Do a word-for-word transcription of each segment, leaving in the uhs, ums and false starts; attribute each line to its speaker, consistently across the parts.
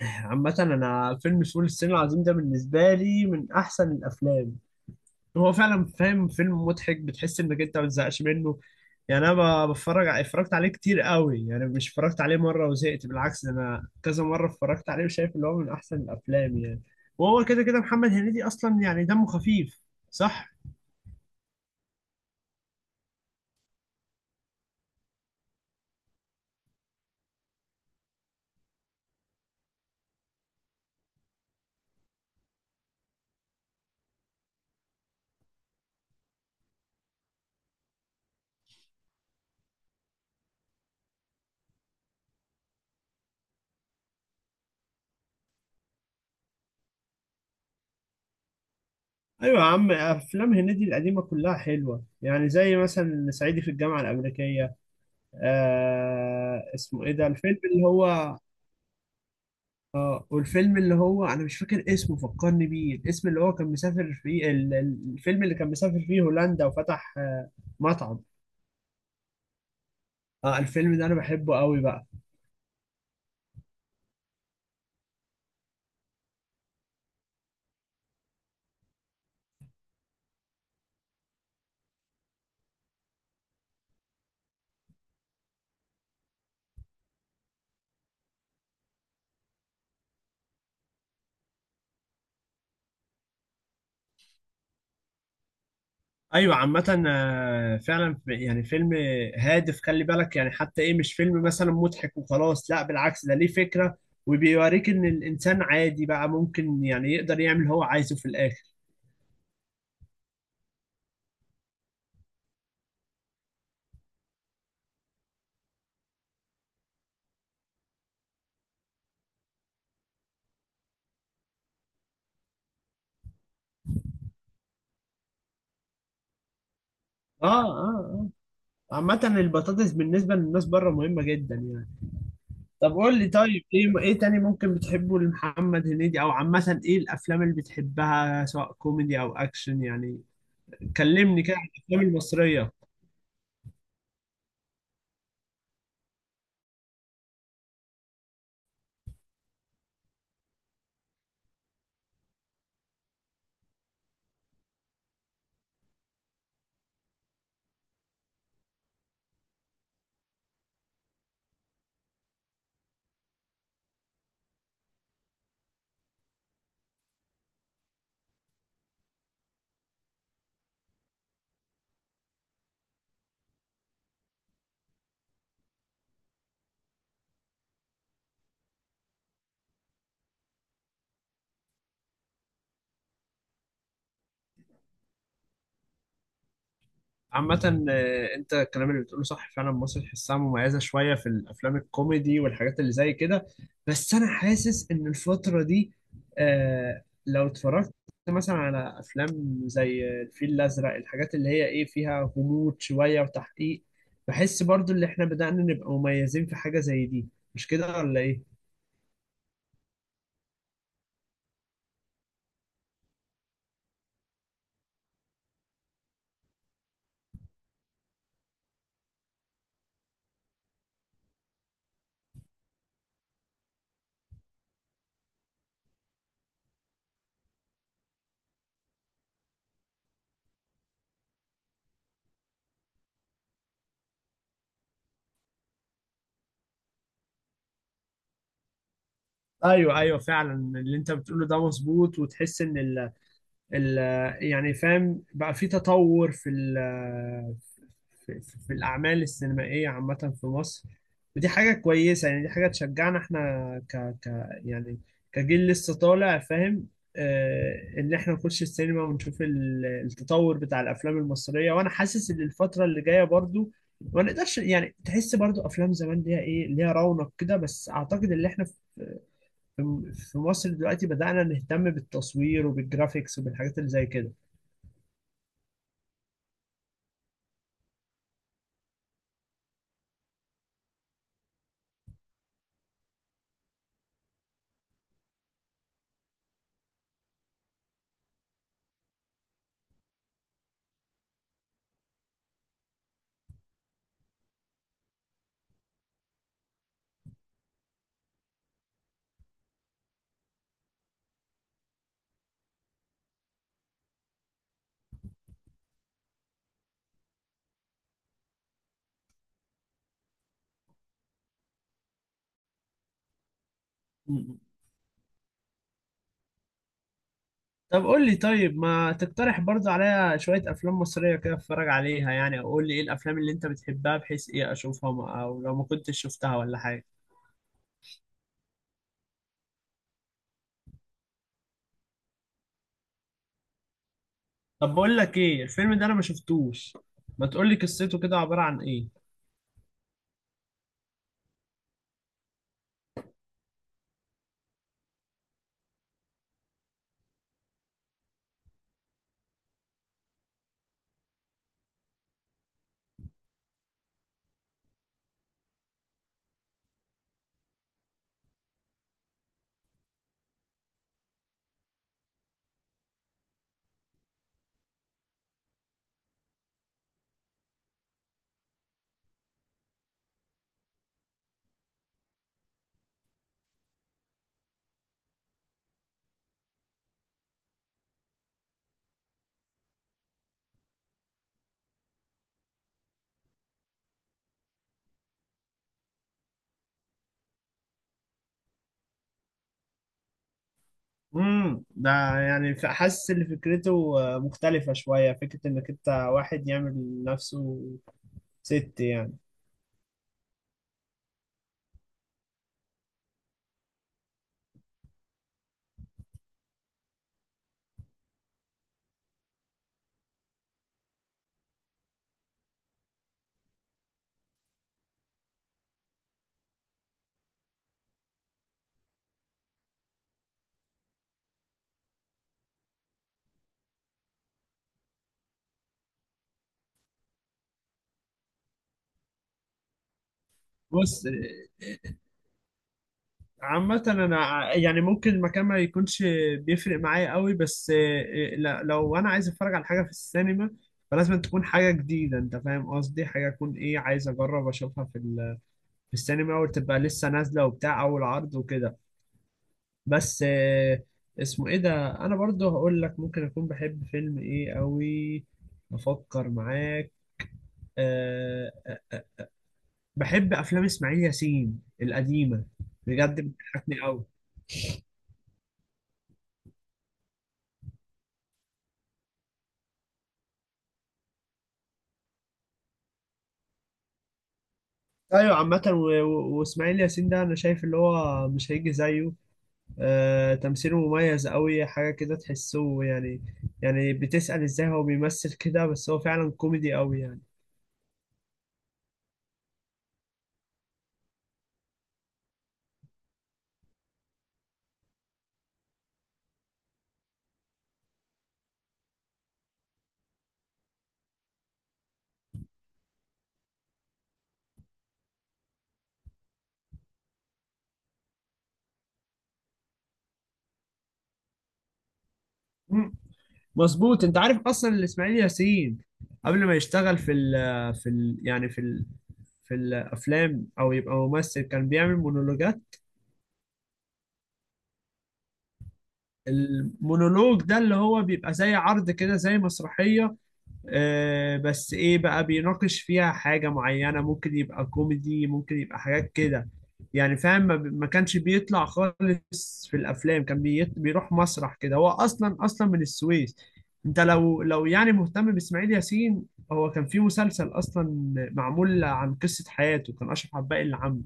Speaker 1: عامة، أنا فيلم فول الصين العظيم ده بالنسبة لي من أحسن الأفلام. هو فعلا فاهم، فيلم مضحك، بتحس إنك أنت ما بتزهقش منه. يعني أنا ب- بتفرج ع- اتفرجت عليه كتير قوي، يعني مش اتفرجت عليه مرة وزهقت، بالعكس ده أنا كذا مرة اتفرجت عليه وشايف إن هو من أحسن الأفلام يعني. وهو كده كده محمد هنيدي أصلا يعني دمه خفيف، صح؟ أيوة يا عم، أفلام هنيدي القديمة كلها حلوة يعني، زي مثلا صعيدي في الجامعة الأمريكية. آه، اسمه إيه ده الفيلم اللي هو. اه، والفيلم اللي هو انا مش فاكر اسمه، فكرني بيه، الاسم اللي هو كان مسافر فيه ال- ال- الفيلم اللي كان مسافر فيه هولندا وفتح آه، مطعم. اه الفيلم ده انا بحبه قوي بقى. ايوه عامة، آه، فعلا ف- يعني فيلم هادف، خلي بالك يعني، حتى ايه مش فيلم مثلا مضحك وخلاص، لا بالعكس ده ليه فكرة، وبيوريك ان الانسان عادي بقى ممكن يعني يقدر يعمل اللي هو عايزه في الاخر. اه، اه، اه. عامة البطاطس بالنسبة للناس بره مهمة جدا يعني. طب قول لي، طيب ايه ايه تاني ممكن بتحبه لمحمد هنيدي، او عامة ايه الافلام اللي بتحبها سواء كوميدي او اكشن يعني. كلمني كده عن الافلام المصرية. عامة، آه، انت الكلام اللي بتقوله صح فعلا، مصر تحسها مميزة شوية في الافلام الكوميدي والحاجات اللي زي كده. بس انا حاسس ان الفترة دي، آه لو اتفرجت مثلا على افلام زي الفيل الازرق، الحاجات اللي هي ايه فيها غموض شوية وتحقيق، بحس برضو ان احنا بدأنا نبقى مميزين في حاجة زي دي. مش كده ولا ايه؟ ايوه ايوه، فعلا اللي انت بتقوله ده مظبوط. وتحس ان ال ال يعني فاهم، بقى في تطور في ال في, في في الأعمال السينمائية عامة في مصر. ودي حاجة كويسة يعني، دي حاجة تشجعنا احنا ك, ك يعني كجيل لسه طالع فاهم، آه إن احنا نخش السينما ونشوف ال- التطور بتاع الأفلام المصرية. وأنا حاسس إن الفترة اللي جاية برضو ما نقدرش يعني، تحس برضو أفلام زمان ليها إيه ليها رونق كده، بس أعتقد إن احنا في في مصر دلوقتي بدأنا نهتم بالتصوير وبالجرافيكس وبالحاجات اللي زي كده. طب قول لي، طيب ما تقترح برضو عليا شوية أفلام مصرية كده أتفرج عليها يعني، أو قول لي إيه الأفلام اللي أنت بتحبها بحيث إيه أشوفها، ما- أو لو ما كنتش شفتها ولا حاجة. طب بقول لك إيه الفيلم ده، أنا ما شفتوش، ما تقول لي قصته كده عبارة عن إيه. امم ده يعني ف- حاسس إن فكرته آه، مختلفة شوية، فكرة إنك أنت واحد يعمل نفسه ست يعني. بص، عامة أنا ع- يعني ممكن المكان ما يكونش بيفرق معايا قوي، بس إيه، لا- لو أنا عايز أتفرج على حاجة في السينما فلازم تكون حاجة جديدة، أنت فاهم قصدي، حاجة أكون إيه عايز أجرب أشوفها في ال- في السينما، وتبقى لسه نازلة وبتاع أول عرض وكده. بس إيه، اسمه إيه ده، أنا برضو هقول لك ممكن أكون بحب فيلم إيه قوي. أفكر معاك. أه، أه، أه. بحب أفلام إسماعيل ياسين القديمة بجد، بتضحكني قوي. ايوه عامة، و- و- واسماعيل ياسين ده انا شايف اللي هو مش هيجي زيه. آه تمثيله مميز قوي، حاجة كده تحسه يعني، يعني بتسأل ازاي هو بيمثل كده، بس هو فعلا كوميدي قوي يعني. مم. مظبوط. انت عارف اصلا إن اسماعيل ياسين قبل ما يشتغل في ال في ال يعني في ال في الافلام او يبقى ممثل، كان بيعمل مونولوجات. المونولوج ده اللي هو بيبقى زي عرض كده، زي مسرحية، آه، بس ايه بقى بيناقش فيها حاجة معينة، ممكن يبقى كوميدي ممكن يبقى حاجات كده. يعني فاهم، ما بي- ما كانش بيطلع خالص في الافلام، كان بيت- بيروح مسرح كده، هو اصلا اصلا من السويس. انت لو لو يعني مهتم باسماعيل ياسين، هو كان في مسلسل اصلا معمول عن قصة حياته، كان اشرف عباقي اللي عامله.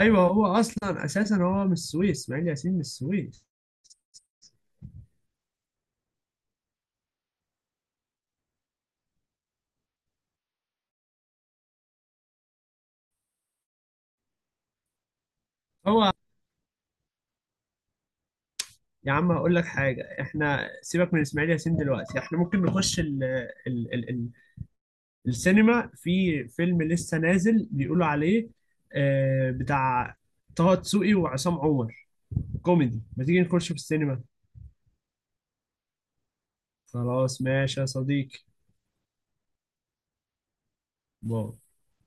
Speaker 1: ايوه، هو اصلا اساسا هو من السويس، اسماعيل ياسين من السويس. هو يا عم هقول لك حاجة، احنا سيبك من اسماعيل ياسين دلوقتي، احنا ممكن نخش ال ال ال ال السينما، في فيلم لسه نازل بيقولوا عليه، آه بتاع طه دسوقي وعصام عمر، كوميدي، ما تيجي نخش في السينما. خلاص ماشي يا صديقي. باي.